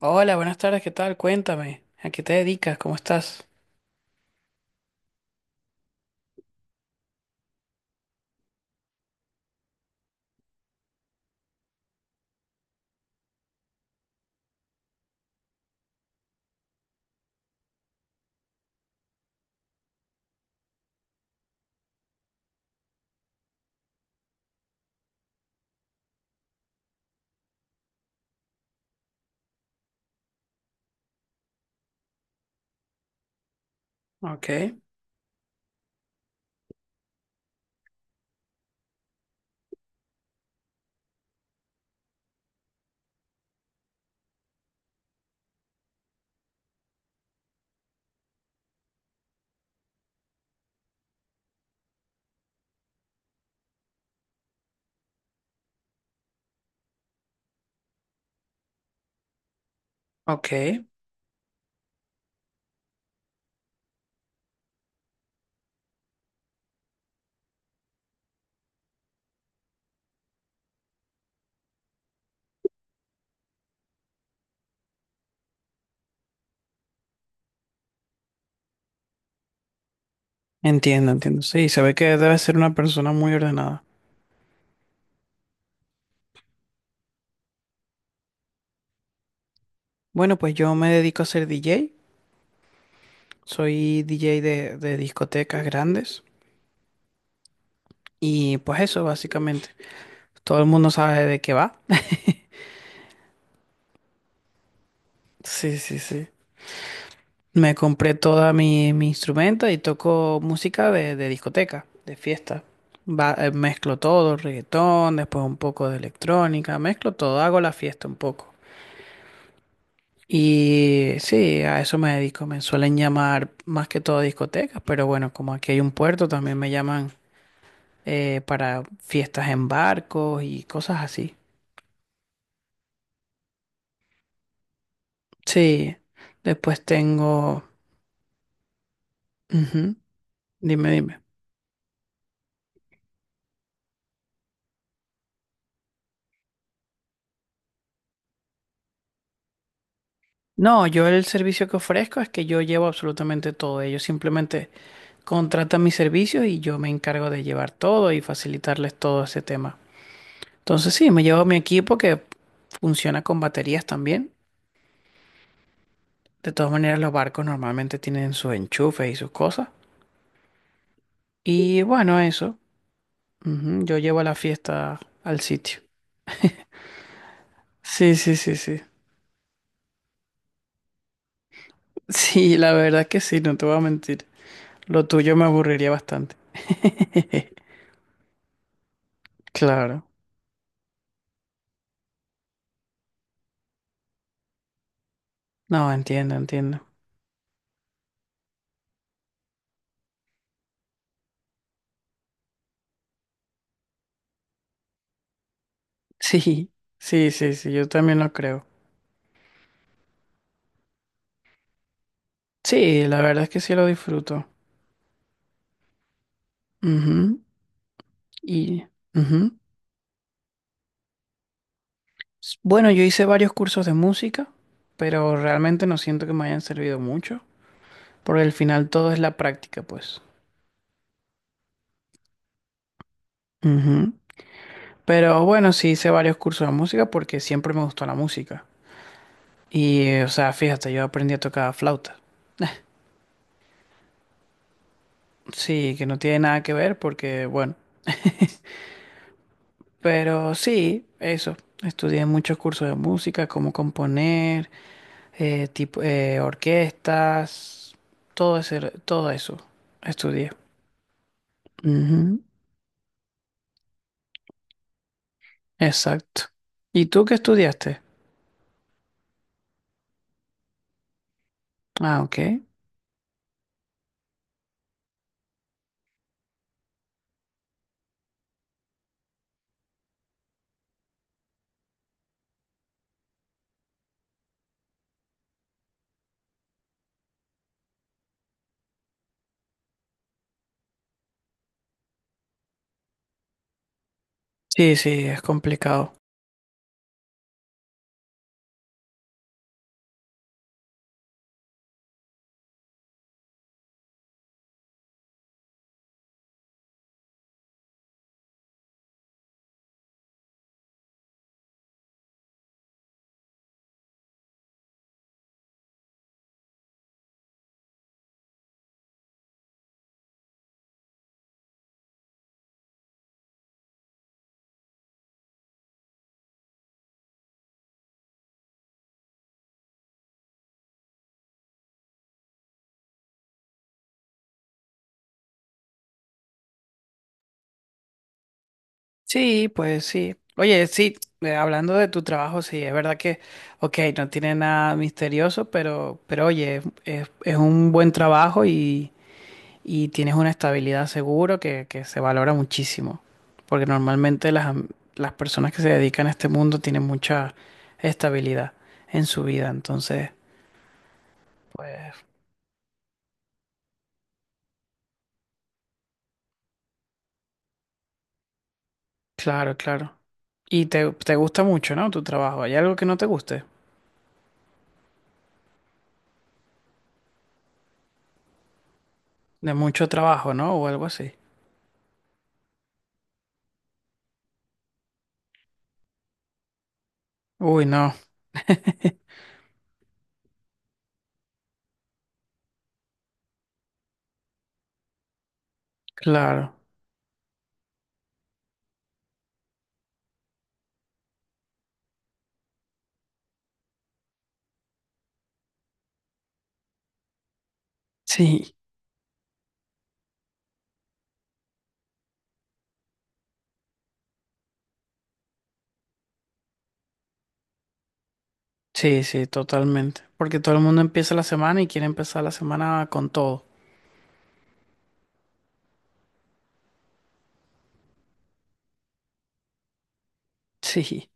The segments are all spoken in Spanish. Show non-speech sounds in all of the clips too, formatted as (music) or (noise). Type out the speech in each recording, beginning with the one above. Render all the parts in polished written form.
Hola, buenas tardes, ¿qué tal? Cuéntame, ¿a qué te dedicas? ¿Cómo estás? Ok, ok. Entiendo, entiendo. Sí, se ve que debes ser una persona muy ordenada. Bueno, pues yo me dedico a ser DJ. Soy DJ de discotecas grandes. Y pues eso, básicamente. Todo el mundo sabe de qué va. (laughs) Sí, sí, sí. Me compré toda mi instrumento y toco música de discoteca, de fiesta. Mezclo todo, reggaetón, después un poco de electrónica, mezclo todo, hago la fiesta un poco. Y sí, a eso me dedico. Me suelen llamar más que todo discotecas, pero bueno, como aquí hay un puerto, también me llaman para fiestas en barcos y cosas así. Sí, después tengo. Ujú, dime, dime. No, yo el servicio que ofrezco es que yo llevo absolutamente todo. Ellos simplemente contratan mis servicios y yo me encargo de llevar todo y facilitarles todo ese tema. Entonces sí, me llevo mi equipo que funciona con baterías también. De todas maneras, los barcos normalmente tienen sus enchufes y sus cosas. Y bueno, eso. Ujú, yo llevo la fiesta al sitio. Sí, sí, sí, sí. (laughs) Sí, la verdad es que sí, no te voy a mentir. Lo tuyo me aburriría bastante. Claro. No, entiendo, entiendo. Sí, sí, sí, sí, yo también lo creo. Sí, la verdad es que sí lo disfruto. Ujú. Y, ujú. Bueno, yo hice varios cursos de música, pero realmente no siento que me hayan servido mucho, porque al final todo es la práctica, pues. Ujú. Pero bueno, sí hice varios cursos de música porque siempre me gustó la música. O sea, fíjate, yo aprendí a tocar flauta. (laughs) Sí, que no tiene nada que ver porque, bueno. (laughs) Pero sí, eso. Estudié muchos cursos de música, cómo componer, tipo, orquestas, todo eso estudié. Ujú, exacto. ¿Y tú qué estudiaste? Ah, ok. Sí, sí, es complicado. Sí, pues sí. Oye, sí, hablando de tu trabajo, sí, es verdad que, ok, no tiene nada misterioso, pero oye, es un buen trabajo y tienes una estabilidad seguro que se valora muchísimo. Porque normalmente las personas que se dedican a este mundo tienen mucha estabilidad en su vida. Entonces, pues, claro, claro. Y te gusta mucho, ¿no? Tu trabajo. ¿Hay algo que no te guste? De mucho trabajo, ¿no? O algo así. Uy, no, claro. Sí, sí, sí, totalmente. Porque todo el mundo empieza la semana y quiere empezar la semana con todo. Sí,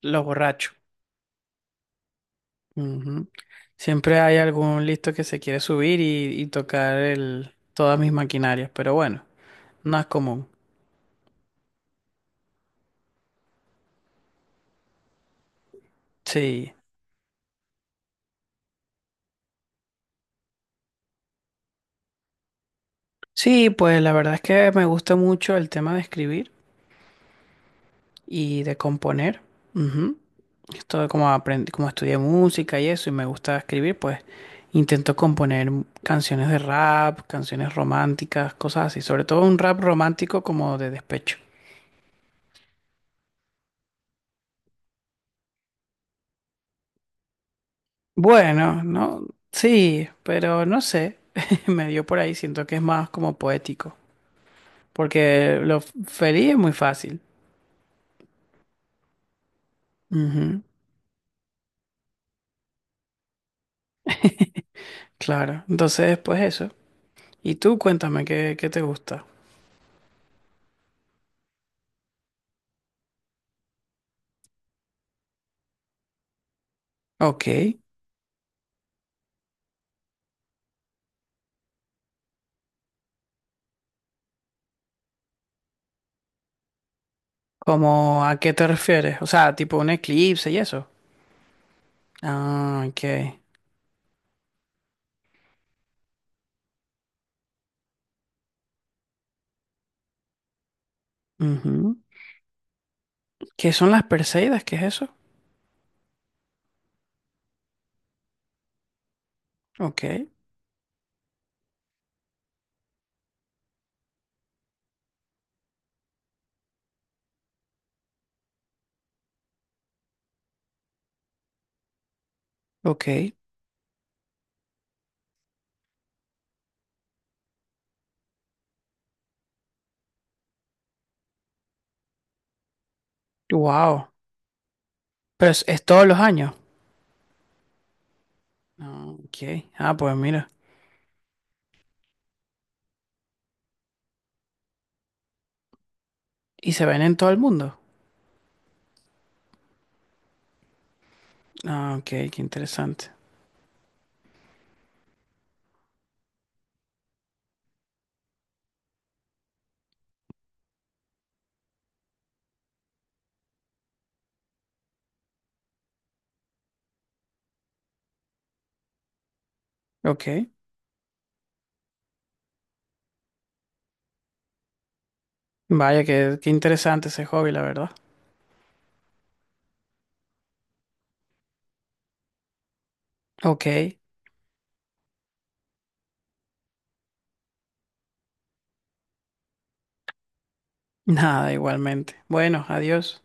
los borrachos. Ujú. Siempre hay algún listo que se quiere subir y tocar el, todas mis maquinarias, pero bueno, no es común. Sí. Sí, pues la verdad es que me gusta mucho el tema de escribir y de componer. Ujú. Esto como aprendí, como estudié música y eso, y me gusta escribir, pues intento componer canciones de rap, canciones románticas, cosas así, sobre todo un rap romántico como de despecho. Bueno, no, sí, pero no sé, (laughs) me dio por ahí, siento que es más como poético, porque feliz es muy fácil. Ujú, claro, entonces pues eso. Y tú cuéntame qué, qué te gusta. Ok, ¿cómo a qué te refieres? O sea, tipo un eclipse y eso. Ah, ok. Ujú. ¿Qué son las Perseidas? ¿Qué es eso? Ok, ok. Wow. Pero es todos los años. Ah, ok. Ah, pues mira. ¿Y se ven en todo el mundo? Ah, ok, qué interesante. Ok. Vaya, qué, qué interesante ese hobby, la verdad. Ok. Nada, igualmente. Bueno, adiós.